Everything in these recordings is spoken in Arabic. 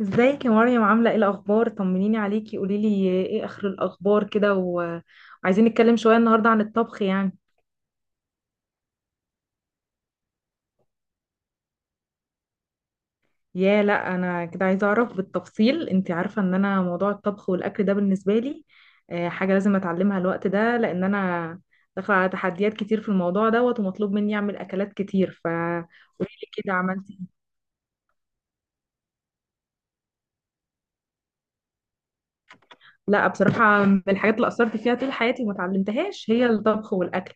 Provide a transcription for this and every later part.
ازيك يا مريم، عاملة ايه الأخبار؟ طمنيني عليكي، قوليلي ايه آخر الأخبار كده وعايزين نتكلم شوية النهاردة عن الطبخ يعني. يا لا، أنا كده عايزة أعرف بالتفصيل، انت عارفة ان أنا موضوع الطبخ والأكل ده بالنسبة لي حاجة لازم أتعلمها الوقت ده، لأن أنا داخلة على تحديات كتير في الموضوع دوت، ومطلوب مني أعمل أكلات كتير، فقوليلي كده عملتي. لا بصراحة، من الحاجات اللي أثرت فيها طول حياتي وما اتعلمتهاش هي الطبخ والأكل،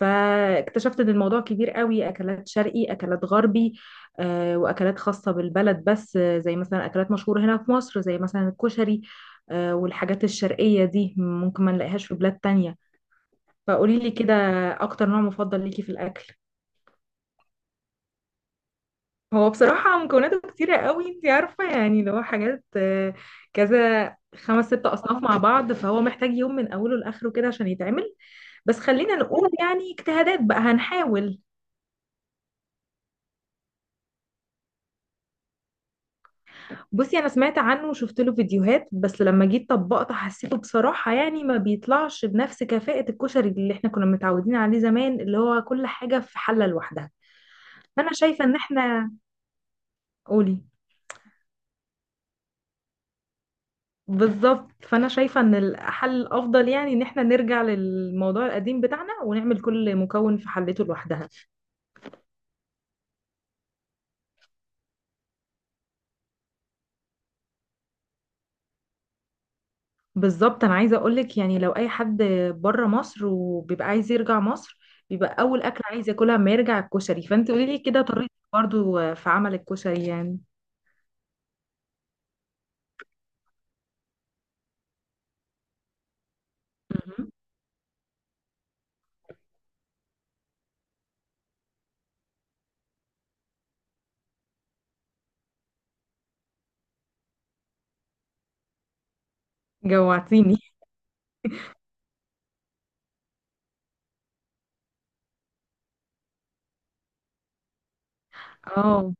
فاكتشفت إن الموضوع كبير قوي، أكلات شرقي أكلات غربي، وأكلات خاصة بالبلد، بس زي مثلا أكلات مشهورة هنا في مصر زي مثلا الكشري، والحاجات الشرقية دي ممكن ما نلاقيهاش في بلاد تانية. فقولي لي كده، أكتر نوع مفضل ليكي في الأكل. هو بصراحة مكوناته كتيرة قوي، انت عارفة، يعني لو حاجات كذا خمس ست أصناف مع بعض، فهو محتاج يوم من أوله لآخره كده عشان يتعمل. بس خلينا نقول يعني اجتهادات بقى، هنحاول. بصي، انا سمعت عنه وشفت له فيديوهات، بس لما جيت طبقته حسيته بصراحة يعني ما بيطلعش بنفس كفاءة الكشري اللي احنا كنا متعودين عليه زمان، اللي هو كل حاجة في حلة لوحدها. فانا شايفة ان احنا، قولي. بالظبط، فانا شايفة ان الحل الافضل يعني ان احنا نرجع للموضوع القديم بتاعنا، ونعمل كل مكون في حلته لوحدها. بالظبط، انا عايزه اقولك يعني لو اي حد بره مصر وبيبقى عايز يرجع مصر، بيبقى اول اكل عايز ياكلها ما يرجع الكشري، فانت قولي لي كده طريقتك برضو في عمل الكشري يعني. مهم. جوعتيني. اه.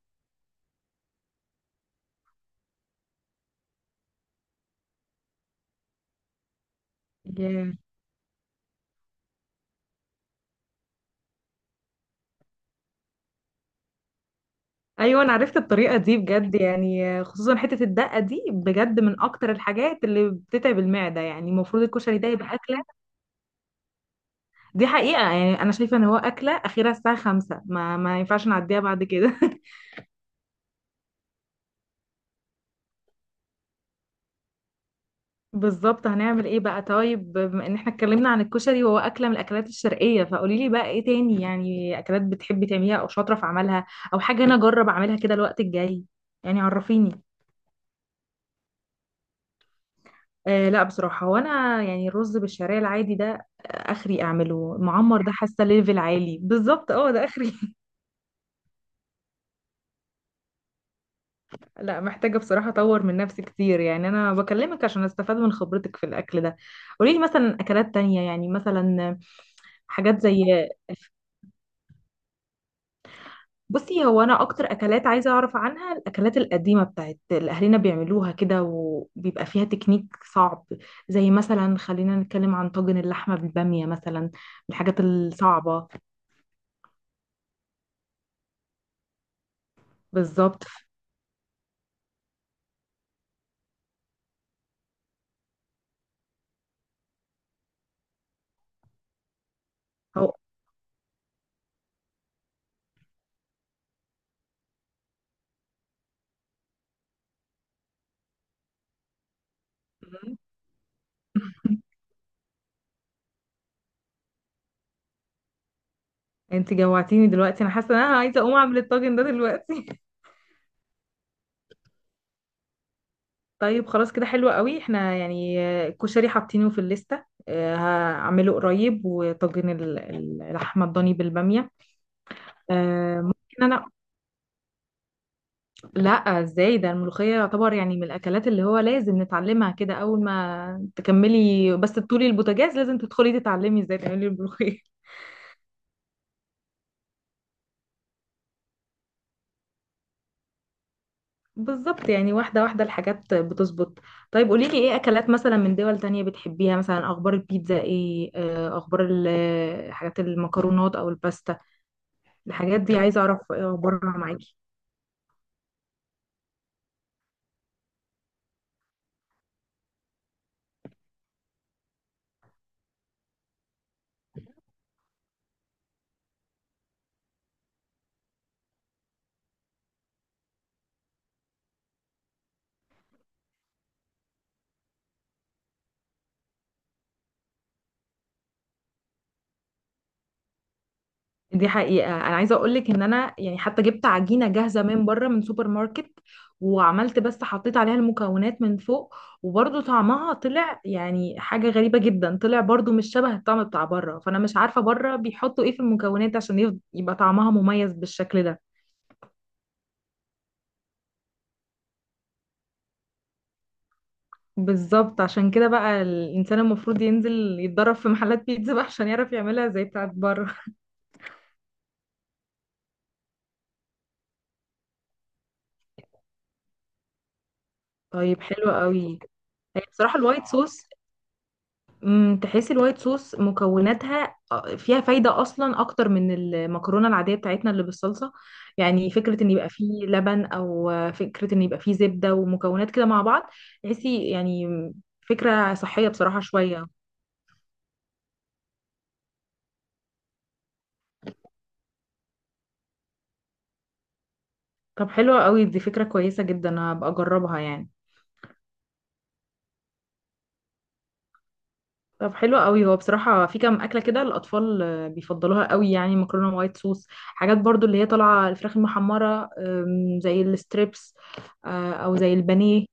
ياه. ايوه، انا عرفت الطريقه دي بجد، يعني خصوصا حته الدقه دي بجد من اكتر الحاجات اللي بتتعب المعده، يعني المفروض الكشري ده يبقى اكله. دي حقيقه، يعني انا شايفه ان هو اكله اخيرا الساعه 5، ما ينفعش نعديها بعد كده. بالظبط، هنعمل ايه بقى؟ طيب، بما ان احنا اتكلمنا عن الكشري وهو اكله من الاكلات الشرقيه، فقولي لي بقى ايه تاني، يعني اكلات بتحبي تعمليها او شاطره في عملها، او حاجه انا اجرب اعملها كده الوقت الجاي، يعني عرفيني. آه لا، بصراحه هو انا يعني الرز بالشعريه العادي ده، اخري اعمله. المعمر ده حاسه ليفل عالي، بالظبط اه ده اخري. لا، محتاجه بصراحه اطور من نفسي كتير، يعني انا بكلمك عشان استفاد من خبرتك في الاكل ده. قولي لي مثلا اكلات تانية، يعني مثلا حاجات زي. بصي، هو انا اكتر اكلات عايزه اعرف عنها الاكلات القديمه بتاعت اللي اهلنا بيعملوها كده وبيبقى فيها تكنيك صعب، زي مثلا خلينا نتكلم عن طاجن اللحمه بالباميه، مثلا من الحاجات الصعبه. بالظبط. هو. انت جوعتيني دلوقتي، انا حاسه ان انا عايزه اقوم اعمل الطاجن ده دلوقتي. طيب خلاص كده، حلو قوي، احنا يعني الكشري حاطينه في الليسته، هعمله قريب، وطاجن اللحمه الضاني بالباميه. ممكن انا، لا. ازاي ده؟ الملوخية يعتبر يعني من الاكلات اللي هو لازم نتعلمها كده، اول ما تكملي بس تطولي البوتاجاز لازم تدخلي تتعلمي ازاي تعملي الملوخية. بالظبط، يعني واحدة واحدة الحاجات بتظبط. طيب قوليلي ايه اكلات مثلا من دول تانية بتحبيها؟ مثلا اخبار البيتزا ايه، اخبار ال- حاجات المكرونات او الباستا. الحاجات دي عايزة اعرف إيه اخبارها معاكي. دي حقيقة، أنا عايزة أقولك إن أنا يعني حتى جبت عجينة جاهزة من بره من سوبر ماركت، وعملت بس حطيت عليها المكونات من فوق، وبرضه طعمها طلع يعني حاجة غريبة جدا، طلع برضه مش شبه الطعم بتاع بره، فأنا مش عارفة بره بيحطوا إيه في المكونات عشان يبقى طعمها مميز بالشكل ده. بالظبط عشان كده بقى، الإنسان المفروض ينزل يتدرب في محلات بيتزا بقى عشان يعرف يعملها زي بتاعت بره. طيب حلو قوي. هي بصراحة الوايت صوص، تحس الوايت صوص مكوناتها فيها فايدة أصلا أكتر من المكرونة العادية بتاعتنا اللي بالصلصة، يعني فكرة إن يبقى فيه لبن، أو فكرة إن يبقى فيه زبدة ومكونات كده مع بعض، تحسي يعني فكرة صحية بصراحة شوية. طب حلوة قوي دي، فكرة كويسة جدا، هبقى أجربها يعني. طب حلوة قوي، هو بصراحة في كام أكلة كده الأطفال بيفضلوها قوي، يعني مكرونة وايت صوص، حاجات برضو اللي هي طالعة الفراخ المحمرة، زي الستريبس، أو زي البانيه.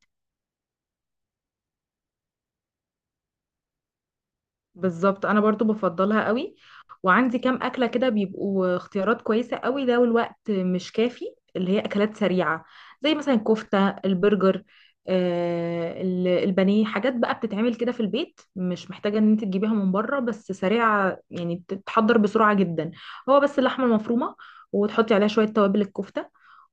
بالظبط، انا برضو بفضلها قوي، وعندي كام اكله كده بيبقوا اختيارات كويسه قوي لو الوقت مش كافي، اللي هي اكلات سريعه، زي مثلا الكفته البرجر، آه البانيه، حاجات بقى بتتعمل كده في البيت مش محتاجه ان انت تجيبيها من بره، بس سريعه يعني تتحضر بسرعه جدا. هو بس اللحمه المفرومه وتحطي عليها شويه توابل الكفته،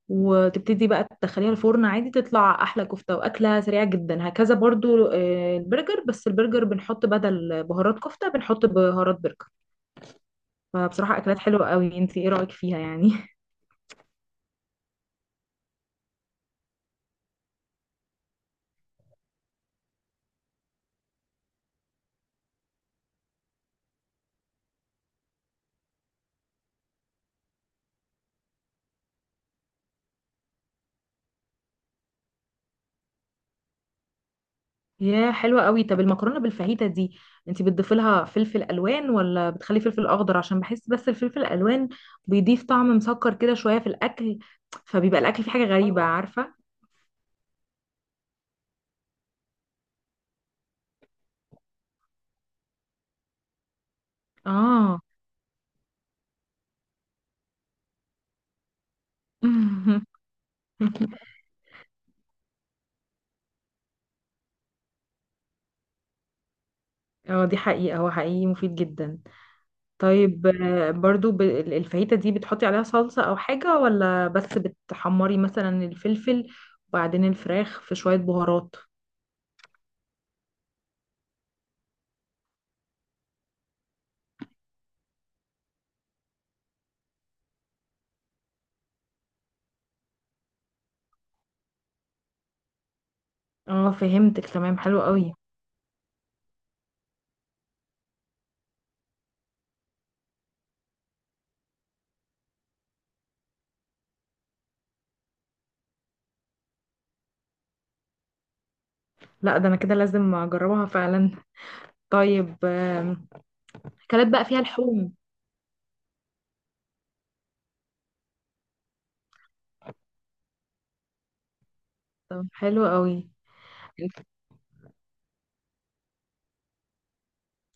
وتبتدي بقى تدخليها الفرن عادي، تطلع احلى كفته واكله سريعه جدا، هكذا برضو البرجر، بس البرجر بنحط بدل بهارات كفته بنحط بهارات برجر. فبصراحه اكلات حلوه قوي، انت ايه رايك فيها يعني؟ يا حلوه قوي. طب المكرونه بالفاهيتا دي، انت بتضيفي لها فلفل الوان ولا بتخلي فلفل اخضر؟ عشان بحس بس الفلفل الالوان بيضيف طعم مسكر كده شويه في الاكل، فبيبقى الاكل فيه حاجه غريبه، عارفه. اه. اه، دي حقيقه، هو حقيقي مفيد جدا. طيب برضو الفاهيتا دي، بتحطي عليها صلصة أو حاجة، ولا بس بتحمري مثلا الفلفل وبعدين الفراخ في شوية بهارات؟ اه فهمتك تمام، حلو قوي. لا ده أنا كده لازم أجربها فعلا. طيب أكلات بقى فيها لحوم. طب حلو قوي.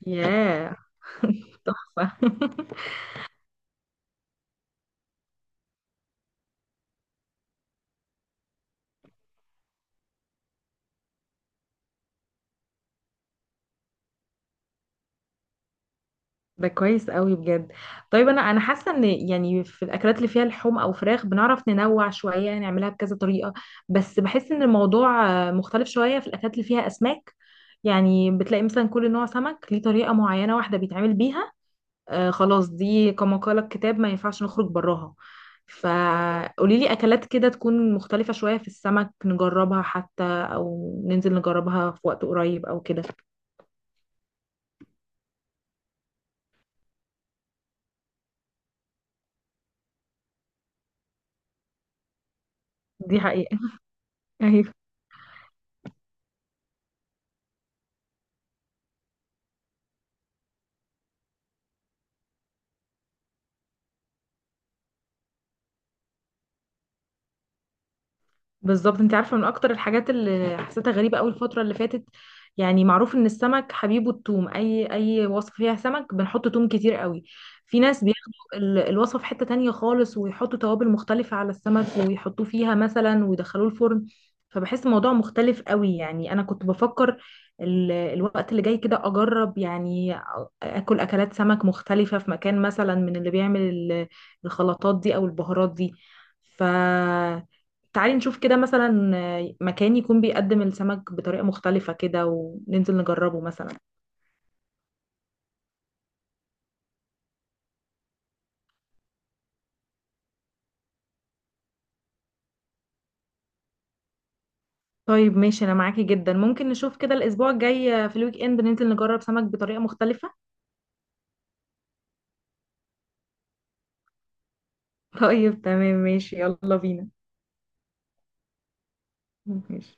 ياه. تحفة. ده كويس قوي بجد. طيب، انا حاسه ان يعني في الاكلات اللي فيها لحوم او فراخ بنعرف ننوع شويه نعملها بكذا طريقه، بس بحس ان الموضوع مختلف شويه في الاكلات اللي فيها اسماك، يعني بتلاقي مثلا كل نوع سمك ليه طريقه معينه واحده بيتعمل بيها. آه خلاص، دي كما قال الكتاب، ما ينفعش نخرج براها. فقولي لي اكلات كده تكون مختلفه شويه في السمك، نجربها حتى او ننزل نجربها في وقت قريب او كده. دي حقيقه. بالظبط، انت عارفه من اكتر الحاجات اللي حسيتها غريبه قوي الفتره اللي فاتت، يعني معروف ان السمك حبيبه الثوم، اي وصفه فيها سمك بنحط ثوم كتير قوي. في ناس بياخدوا الوصفه في حته تانية خالص، ويحطوا توابل مختلفه على السمك ويحطوه فيها مثلا ويدخلوه الفرن، فبحس الموضوع مختلف قوي. يعني انا كنت بفكر الوقت اللي جاي كده اجرب يعني اكل اكلات سمك مختلفه في مكان مثلا من اللي بيعمل الخلطات دي او البهارات دي. ف تعالي نشوف كده مثلا مكان يكون بيقدم السمك بطريقة مختلفة كده وننزل نجربه مثلا. طيب ماشي، أنا معاكي جدا، ممكن نشوف كده الأسبوع الجاي في الويك إند ننزل نجرب سمك بطريقة مختلفة. طيب تمام ماشي، يلا بينا. ماشي.